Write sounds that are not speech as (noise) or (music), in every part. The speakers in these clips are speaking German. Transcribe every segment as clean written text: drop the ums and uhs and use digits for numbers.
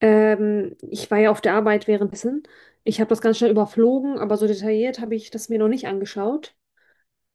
Ich war ja auf der Arbeit währenddessen. Ich habe das ganz schnell überflogen, aber so detailliert habe ich das mir noch nicht angeschaut.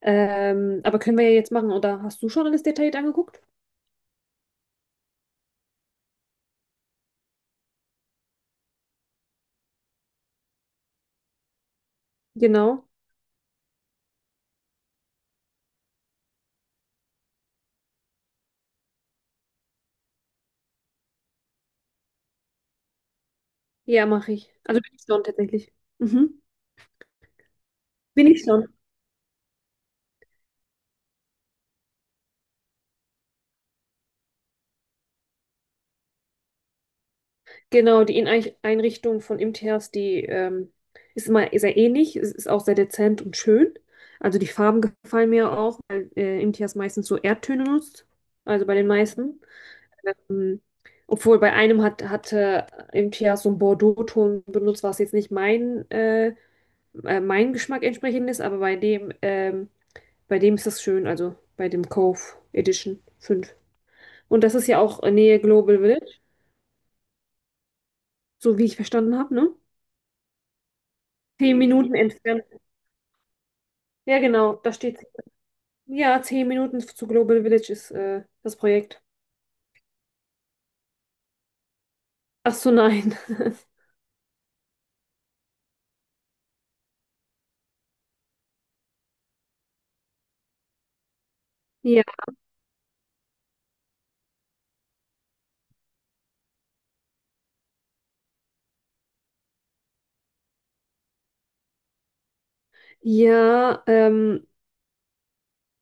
Aber können wir ja jetzt machen, oder hast du schon alles detailliert angeguckt? Genau. Ja, mache ich. Also bin ich schon tatsächlich. Mhm. Bin ich schon. Genau, die Einrichtung von IMTHs, die ist immer sehr ähnlich, es ist auch sehr dezent und schön. Also die Farben gefallen mir auch, weil IMTHs meistens so Erdtöne nutzt. Also bei den meisten. Ähm, Obwohl bei einem hatte MTH so einen Bordeaux-Ton benutzt, was jetzt nicht mein Geschmack entsprechend ist, aber bei dem ist das schön, also bei dem Cove Edition 5. Und das ist ja auch in Nähe Global Village, so wie ich verstanden habe, ne? Zehn Minuten entfernt. Ja, genau, da steht, ja, 10 Minuten zu Global Village ist das Projekt. Ach so, nein. (laughs) Ja, ja,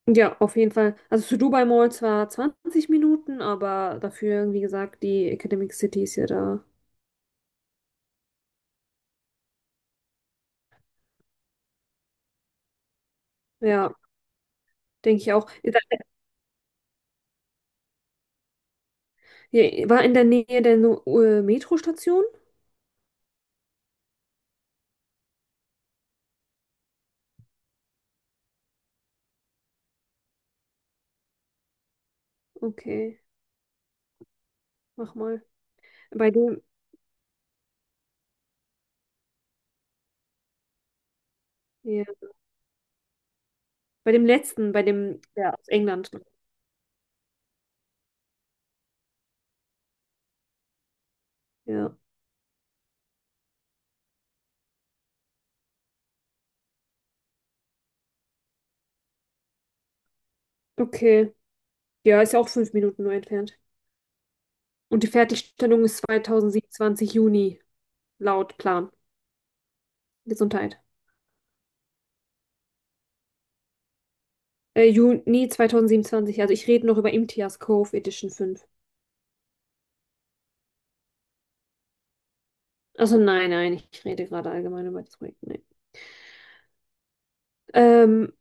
ja, auf jeden Fall. Also zu Dubai Mall zwar 20 Minuten, aber dafür, wie gesagt, die Academic City ist ja da. Ja, denke ich auch. Hier, war in der Nähe der Metrostation? Okay, mach mal. Bei dem, ja, bei dem letzten, aus England. Ja, okay. Ja, ist ja auch 5 Minuten nur entfernt. Und die Fertigstellung ist 2027 Juni, laut Plan. Gesundheit. Juni 2027. Also ich rede noch über Imtiaz Cove Edition 5. Also nein, nein, ich rede gerade allgemein über das Projekt. Nee. Ähm,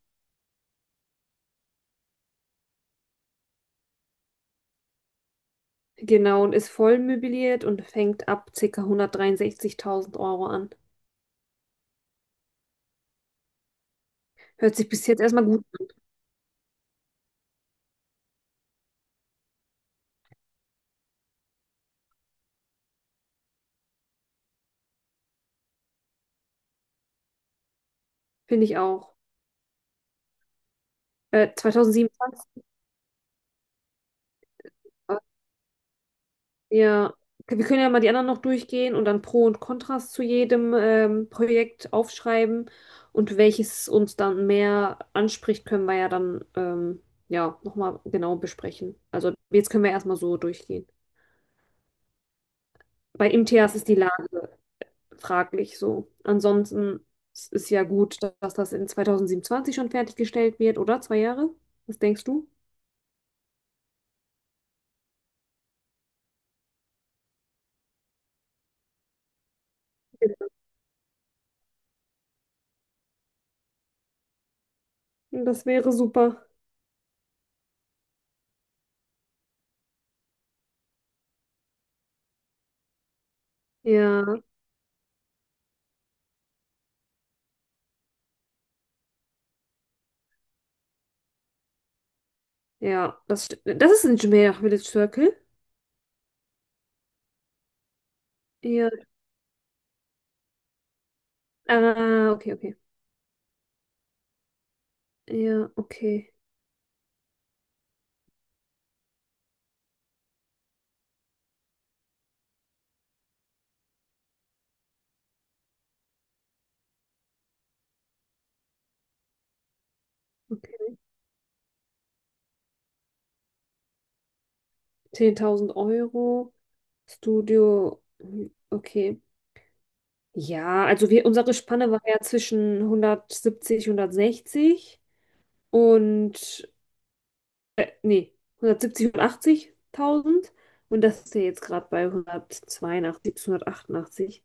genau, und ist voll möbliert und fängt ab ca. 163.000 € an. Hört sich bis jetzt erstmal gut an, finde ich auch. 2027, äh, ja, wir können ja mal die anderen noch durchgehen und dann Pro und Kontras zu jedem Projekt aufschreiben und welches uns dann mehr anspricht, können wir ja dann ja, nochmal genau besprechen. Also jetzt können wir erstmal so durchgehen. Bei MTAs ist die Lage fraglich so. Ansonsten es ist ja gut, dass das in 2027 schon fertiggestellt wird, oder? 2 Jahre? Was denkst du? Ja. Das wäre super. Ja, ja, das ist ein Jumeirah Village Circle. Ja, ah, okay, okay. Ja, okay, okay. 10.000 Euro, Studio, hm, okay. Ja, also unsere Spanne war ja zwischen 170, 160 und nee, 170, 180.000 und das ist ja jetzt gerade bei 182 bis 188.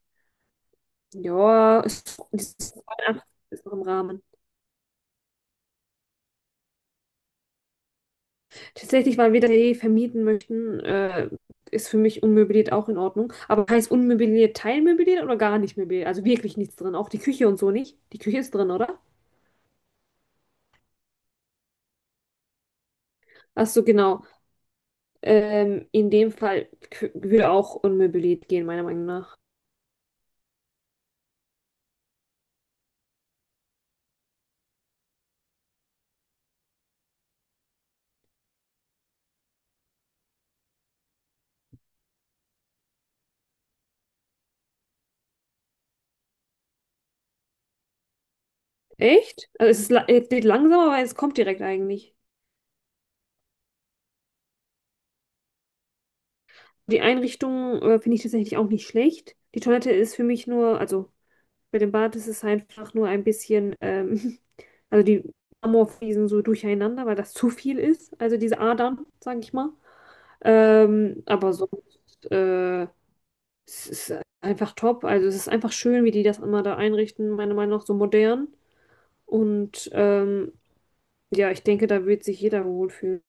Ja, ist noch im Rahmen. Tatsächlich, weil wir das ja eh vermieten möchten, ist für mich unmöbliert auch in Ordnung. Aber heißt unmöbliert teilmöbliert oder gar nicht möbliert? Also wirklich nichts drin, auch die Küche und so nicht. Die Küche ist drin, oder? Ach so, genau. In dem Fall würde auch unmöbliert gehen, meiner Meinung nach. Echt? Also es geht langsam, aber es kommt direkt eigentlich. Die Einrichtung finde ich tatsächlich auch nicht schlecht. Die Toilette ist für mich nur, also bei dem Bad ist es einfach nur ein bisschen, (laughs) also die Marmorfliesen so durcheinander, weil das zu viel ist. Also diese Adern, sage ich mal. Aber sonst, es ist einfach top. Also es ist einfach schön, wie die das immer da einrichten, meiner Meinung nach so modern. Und ja, ich denke, da wird sich jeder wohlfühlen.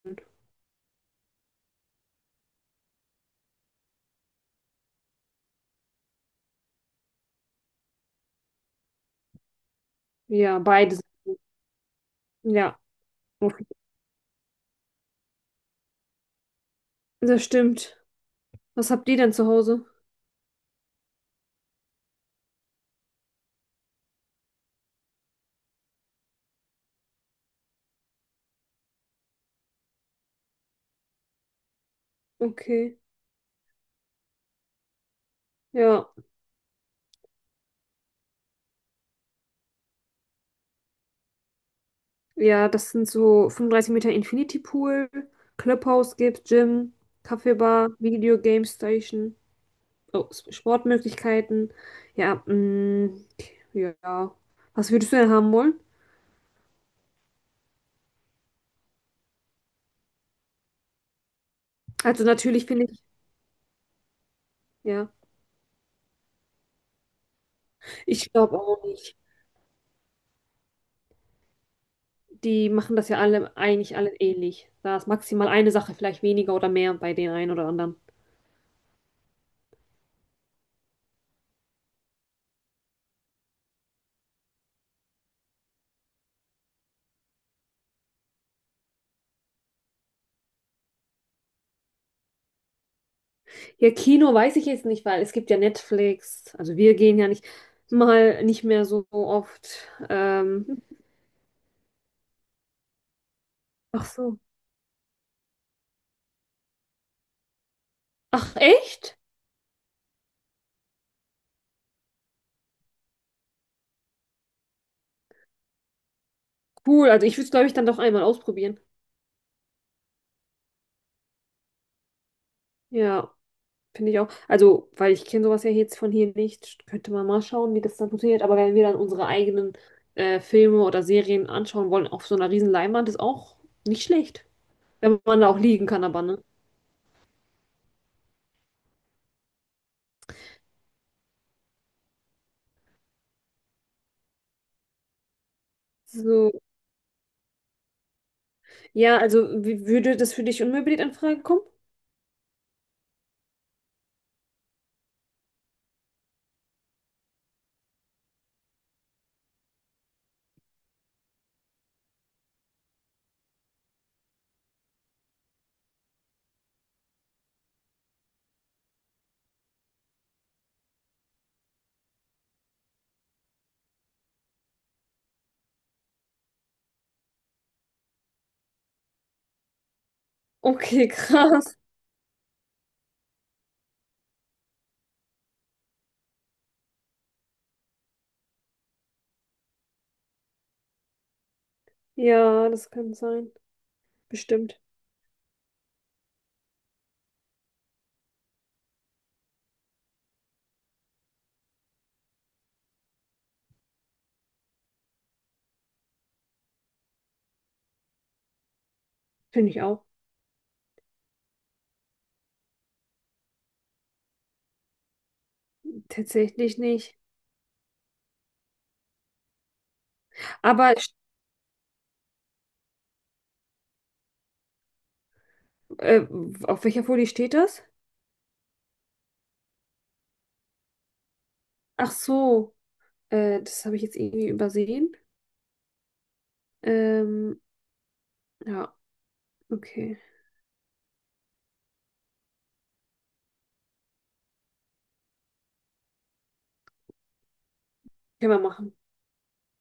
Ja, beides. Ja, das stimmt. Was habt ihr denn zu Hause? Okay. Ja, ja, das sind so 35 Meter Infinity Pool, Clubhouse gibt's, Gym, Kaffeebar, Video Game Station, oh, Sportmöglichkeiten. Ja, mh, ja. Was würdest du denn haben wollen? Also natürlich finde ich, ja, ich glaube auch nicht. Die machen das ja alle eigentlich alle ähnlich. Da ist maximal eine Sache, vielleicht weniger oder mehr bei den einen oder anderen. Ja, Kino weiß ich jetzt nicht, weil es gibt ja Netflix. Also wir gehen ja nicht mal nicht mehr so oft. Ach so. Ach, echt? Cool. Also ich würde es, glaube ich, dann doch einmal ausprobieren. Ja, finde ich auch. Also, weil ich kenne sowas ja jetzt von hier nicht, könnte man mal schauen, wie das dann funktioniert. Aber wenn wir dann unsere eigenen Filme oder Serien anschauen wollen, auf so einer riesen Leinwand, ist auch nicht schlecht. Wenn man da auch liegen kann, aber ne? So. Ja, würde das für dich unmöbliert in Frage kommen? Okay, (laughs) krass. Ja, das kann sein. Bestimmt. Finde ich auch. Tatsächlich nicht. Aber äh, auf welcher Folie steht das? Ach so, das habe ich jetzt irgendwie übersehen. Ähm, ja, okay. Können wir machen.